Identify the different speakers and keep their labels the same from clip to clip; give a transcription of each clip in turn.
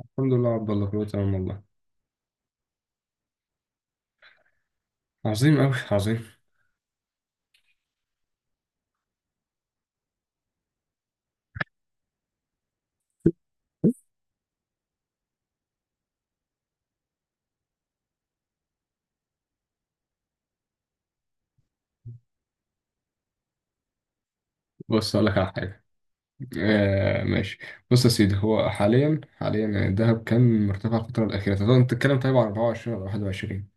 Speaker 1: الحمد لله يا عبد الله، كله تمام والله. عظيم أوي عظيم. بص أقول لك على حاجة. آه ماشي. بص يا سيدي، هو حاليا الذهب كان مرتفع الفترة الأخيرة. طب أنت بتتكلم طيب عن 24 ولا 21؟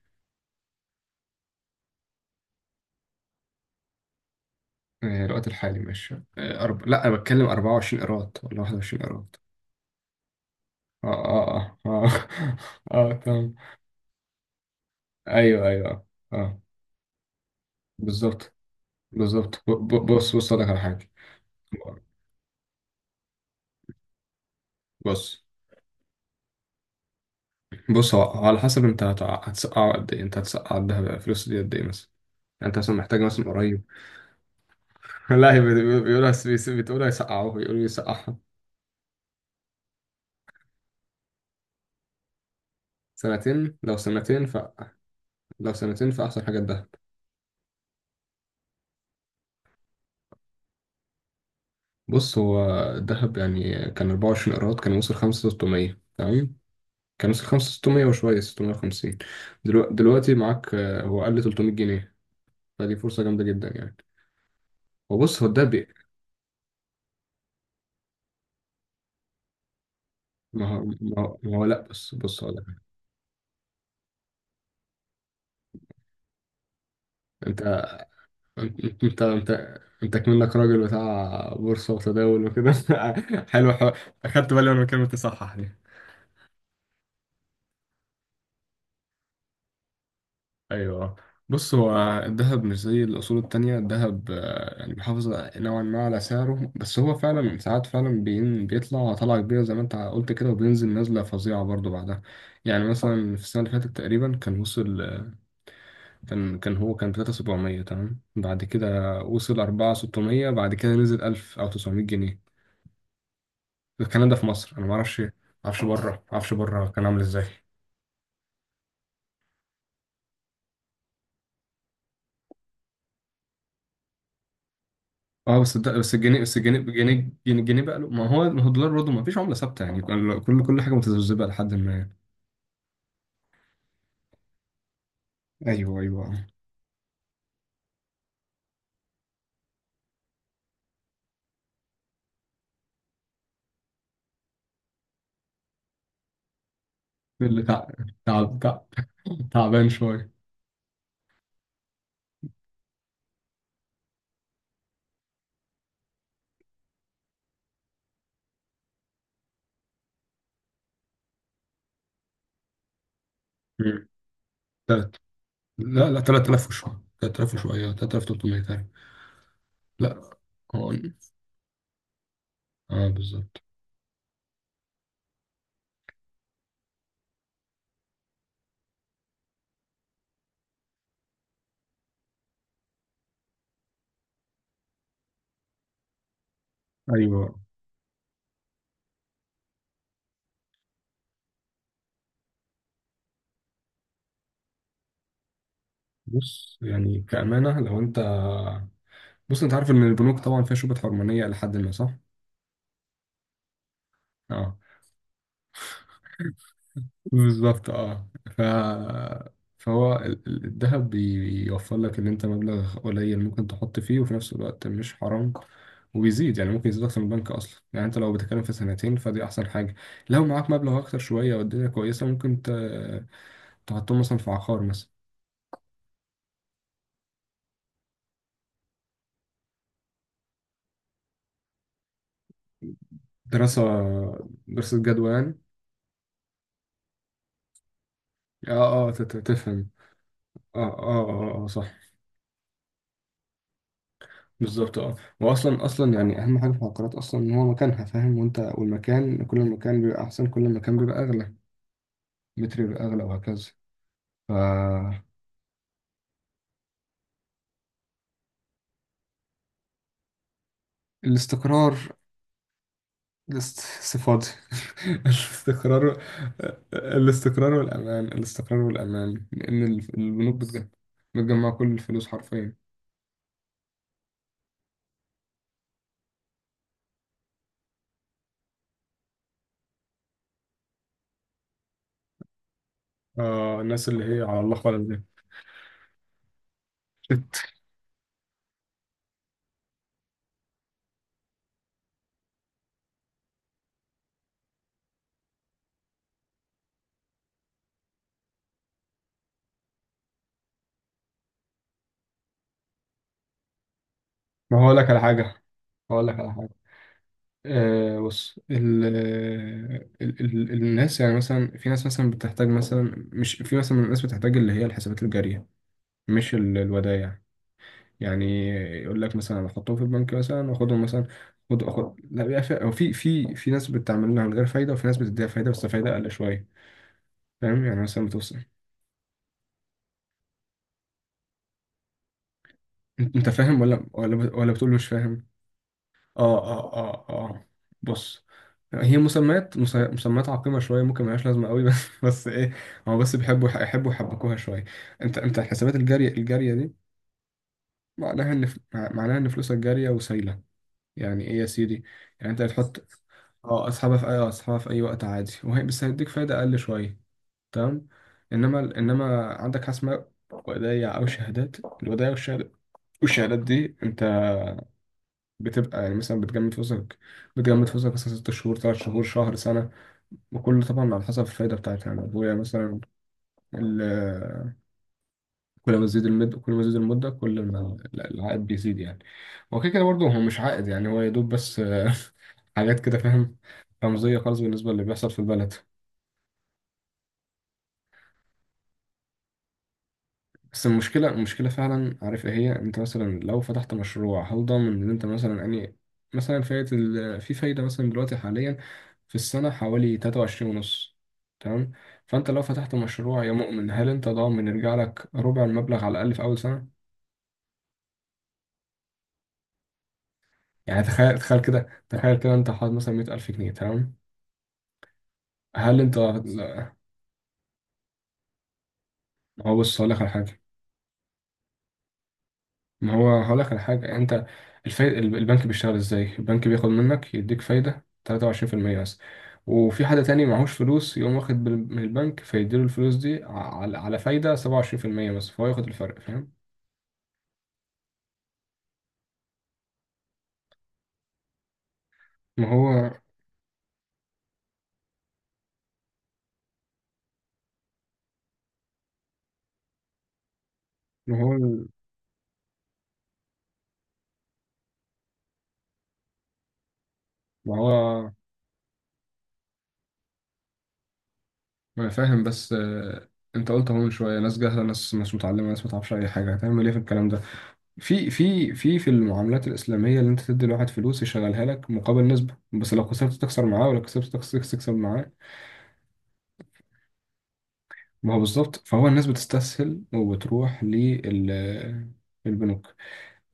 Speaker 1: آه الوقت الحالي، ماشي آه. لا أنا بتكلم 24 إيراد ولا 21 إيراد. آه آه آه آه. آه تمام. أيوه أيوه آه. آه، بالظبط. بالظبط، بص أقول لك على حاجة. بص بص هو على حسب أنت هتسقع قد إيه، أنت هتسقع الذهب الفلوس دي قد إيه مثلا. يعني انت مثلا محتاج مثلا قريب. لا هي بيقولها، بتقولها يسقعوه، بيقولوا يسقعها. سنتين، لو سنتين فأحسن حاجة الذهب. بص، هو الذهب يعني كان 24 قيراط، كان وصل 5600 تمام، كان وصل 5600 وشوية، 650. دلوقتي معاك، هو قل 300 جنيه، فدي فرصة جامدة جدا يعني. وبص هو الدهب ما هو لا بس بص هقول لك. انت انت انت انت كمنك راجل بتاع بورصة وتداول وكده. حلو حلو. اخدت بالي وانا بكلمة تصحح دي. ايوه. بص هو الذهب مش زي الاصول التانية. الذهب يعني بيحافظ نوعا ما على سعره. بس هو فعلا ساعات، فعلا بيطلع طلعة كبيرة زي ما انت قلت كده، وبينزل نزلة فظيعة برضو بعدها. يعني مثلا في السنة اللي فاتت تقريبا كان وصل كان هو كان 3700 تمام. بعد كده وصل 4600، بعد كده نزل 1000 او 900 جنيه. الكلام ده في مصر، انا ما اعرفش ما اعرفش بره، ما اعرفش بره كان عامل ازاي. اه بس الجنيه بقى له. ما هو الدولار برضه ما فيش عمله ثابته، يعني كل حاجه متذبذبه لحد ما يعني. ايوه ايوه. اللي تعب، تعبان شويه. مم. تلات. لا لا، 3000 وشويه، 3000 وشويه، 3300 تقريبا. لا. هو اه، بالظبط. ايوه. بص يعني كأمانة لو انت. بص انت عارف ان البنوك طبعا فيها شبهة حرمانية لحد ما، صح؟ اه بالظبط، اه فهو الذهب بيوفر لك ان انت مبلغ قليل ممكن تحط فيه، وفي نفس الوقت مش حرام. وبيزيد يعني، ممكن يزيد اكتر من البنك اصلا. يعني انت لو بتتكلم في سنتين فدي احسن حاجه. لو معاك مبلغ اكتر شويه والدنيا كويسه، ممكن تحطهم مثلا في عقار مثلا. دراسه، دراسه جدوى يعني. اه اه تفهم. اه اه اه صح. بالظبط اه، واصلا يعني اهم حاجه في العقارات اصلا ان هو مكانها، فاهم، وانت والمكان، كل المكان بيبقى احسن، كل المكان بيبقى اغلى. المتر أغلى وهكذا. فالاستقرار. صفاتي. الاستقرار. الاستقرار والأمان، الاستقرار والأمان، لأن البنوك بتجمع. بتجمع كل الفلوس حرفيا. آه الناس اللي هي على الله خالص دي. شت. ما هقول لك على حاجة. هقول لك على حاجة. آه بص ال الناس، يعني مثلا في ناس مثلا بتحتاج مثلا، مش في مثلا من الناس بتحتاج اللي هي الحسابات الجارية، مش الودائع. يعني يقول لك مثلا أنا احطهم في البنك مثلا واخدهم مثلا. اخد لا، بيبقى في، أو في ناس بتعملها من غير فايده، وفي ناس بتديها فايده، بس فايده اقل شويه. فاهم، يعني مثلا بتوصل. انت فاهم ولا ولا بتقول مش فاهم. اه اه اه اه. بص، هي مسميات مسميات عقيمة شوية ممكن ملهاش لازمة قوي، بس. بس ايه، هو بس يحبوا يحبكوها شوية. انت الحسابات الجارية دي، معناها ان معناها ان فلوسك جارية وسايلة. يعني ايه يا سيدي؟ يعني انت هتحط. اه اسحبها في اي وقت عادي، وهي بس هيديك فايدة اقل شوية. تمام. انما عندك حاجة اسمها ودايع او شهادات. الودايع والشهادات، والشهادات دي انت بتبقى يعني مثلا بتجمد فلوسك. بتجمد فلوسك مثلا 6 شهور، 3 شهور، شهر، سنة. وكل طبعا على حسب الفايدة بتاعتها. يعني ابويا مثلا، كل ما تزيد المدة، كل ما العائد بيزيد يعني. هو كده كده برضه، هو مش عائد يعني، هو يا دوب بس حاجات كده فاهم، رمزية خالص بالنسبة للي بيحصل في البلد. بس المشكلة فعلا، عارف ايه هي؟ انت مثلا لو فتحت مشروع، هل ضامن ان انت مثلا يعني، مثلا فايدة في فايدة مثلا دلوقتي حاليا في السنة حوالي 23 ونص، تمام. فانت لو فتحت مشروع يا مؤمن، هل انت ضامن يرجع لك ربع المبلغ على الاقل في اول سنة؟ يعني تخيل، تخيل كده تخيل كده انت حاطط مثلا 100,000 جنيه، تمام. هل انت؟ ما هو بص هقول لك على حاجه. ما هو هقول لك على حاجه، انت البنك بيشتغل ازاي. البنك بياخد منك، يديك فايده 23% بس. وفي حد تاني معهوش فلوس يقوم واخد من البنك، فيديله الفلوس دي على فايده 27% بس، فهو ياخد الفرق فاهم. ما هو ما هو ما هو ما انا فاهم، بس انت قلت اهو من شويه، ناس جاهله، ناس مش متعلمه، ناس ما تعرفش اي حاجه، هتعمل ايه في الكلام ده. في المعاملات الإسلامية اللي أنت تدي لواحد فلوس يشغلها لك مقابل نسبة، بس لو خسرت تخسر معاه، ولو كسبت تكسب معاه. ما هو بالظبط، فهو الناس بتستسهل وبتروح للبنوك.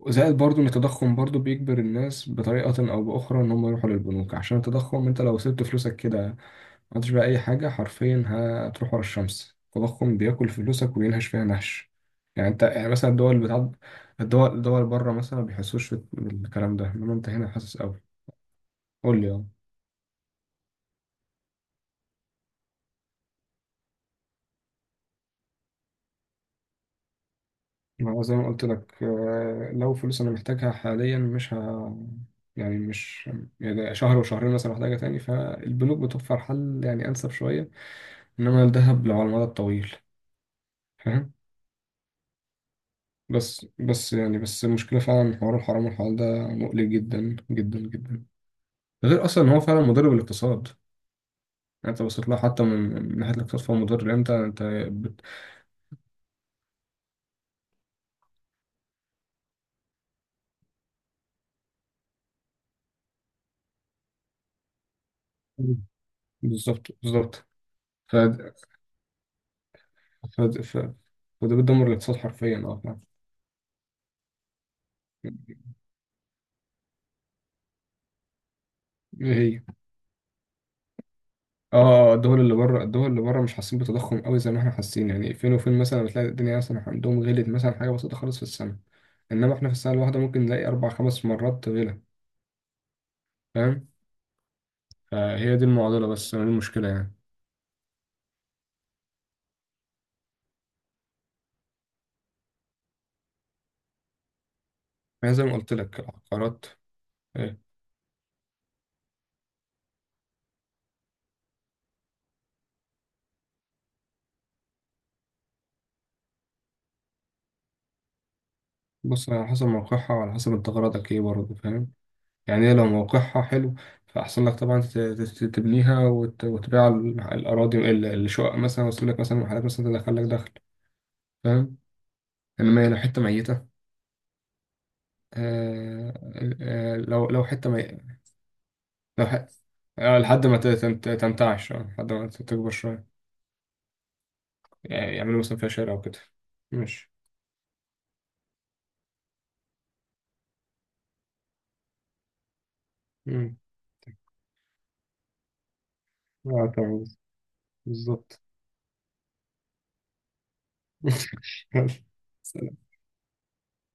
Speaker 1: زائد برضو إن التضخم برضو بيجبر الناس بطريقة أو بأخرى إن هم يروحوا للبنوك، عشان التضخم أنت لو سبت فلوسك كده، عملتش بقى أي حاجة، حرفيا هتروح ورا الشمس. التضخم بياكل فلوسك وينهش فيها نهش. يعني أنت يعني مثلا الدول بتاع. الدول بره مثلا ما بيحسوش بالكلام ده، إنما أنت هنا حاسس أوي. قول لي أه. ما هو زي ما قلت لك لو فلوس أنا محتاجها حاليا، مش ه. يعني مش. يعني شهر وشهرين مثلا محتاجها تاني، فالبنوك بتوفر حل يعني أنسب شوية. إنما الذهب لو على المدى الطويل، فاهم. بس المشكلة فعلا، حوار الحرام والحلال ده مقلق جدا جدا جدا. غير اصلا ان هو فعلا مضر بالاقتصاد يعني. انت بصيت لها حتى من ناحيه الاقتصاد، فهو مضر لان انت بت... بالظبط بالظبط. ف... ف... ف... فده بيدمر الاقتصاد حرفيا، اه فعلا. ايه هي؟ اه الدول اللي بره، مش حاسين بتضخم قوي زي ما احنا حاسين. يعني فين وفين مثلا بتلاقي الدنيا مثلا عندهم غلت مثلا حاجه بسيطه خالص في السنه، انما احنا في السنه الواحده ممكن نلاقي اربع خمس مرات غلا. فاهم. فهي دي المعضله، بس دي المشكله يعني. يعني زي ما قلت لك العقارات، آه، بص على حسب موقعها، وعلى حسب انت غرضك ايه برضه، فاهم. يعني هي لو موقعها حلو، فأحسن لك طبعا تبنيها، وتبيع الأراضي، الشقق مثلا، وتسيب لك مثلا محلات مثلا تدخل لك دخل، فاهم. إنما هي لو حتة ميتة. آه. آه لو حتة ميتة. لو ح- آه لحد ما تنتعش، لحد ما تكبر شوية، يعني يعملوا مثلا فيها شارع وكده. ماشي. مم. اه تمام. بالظبط.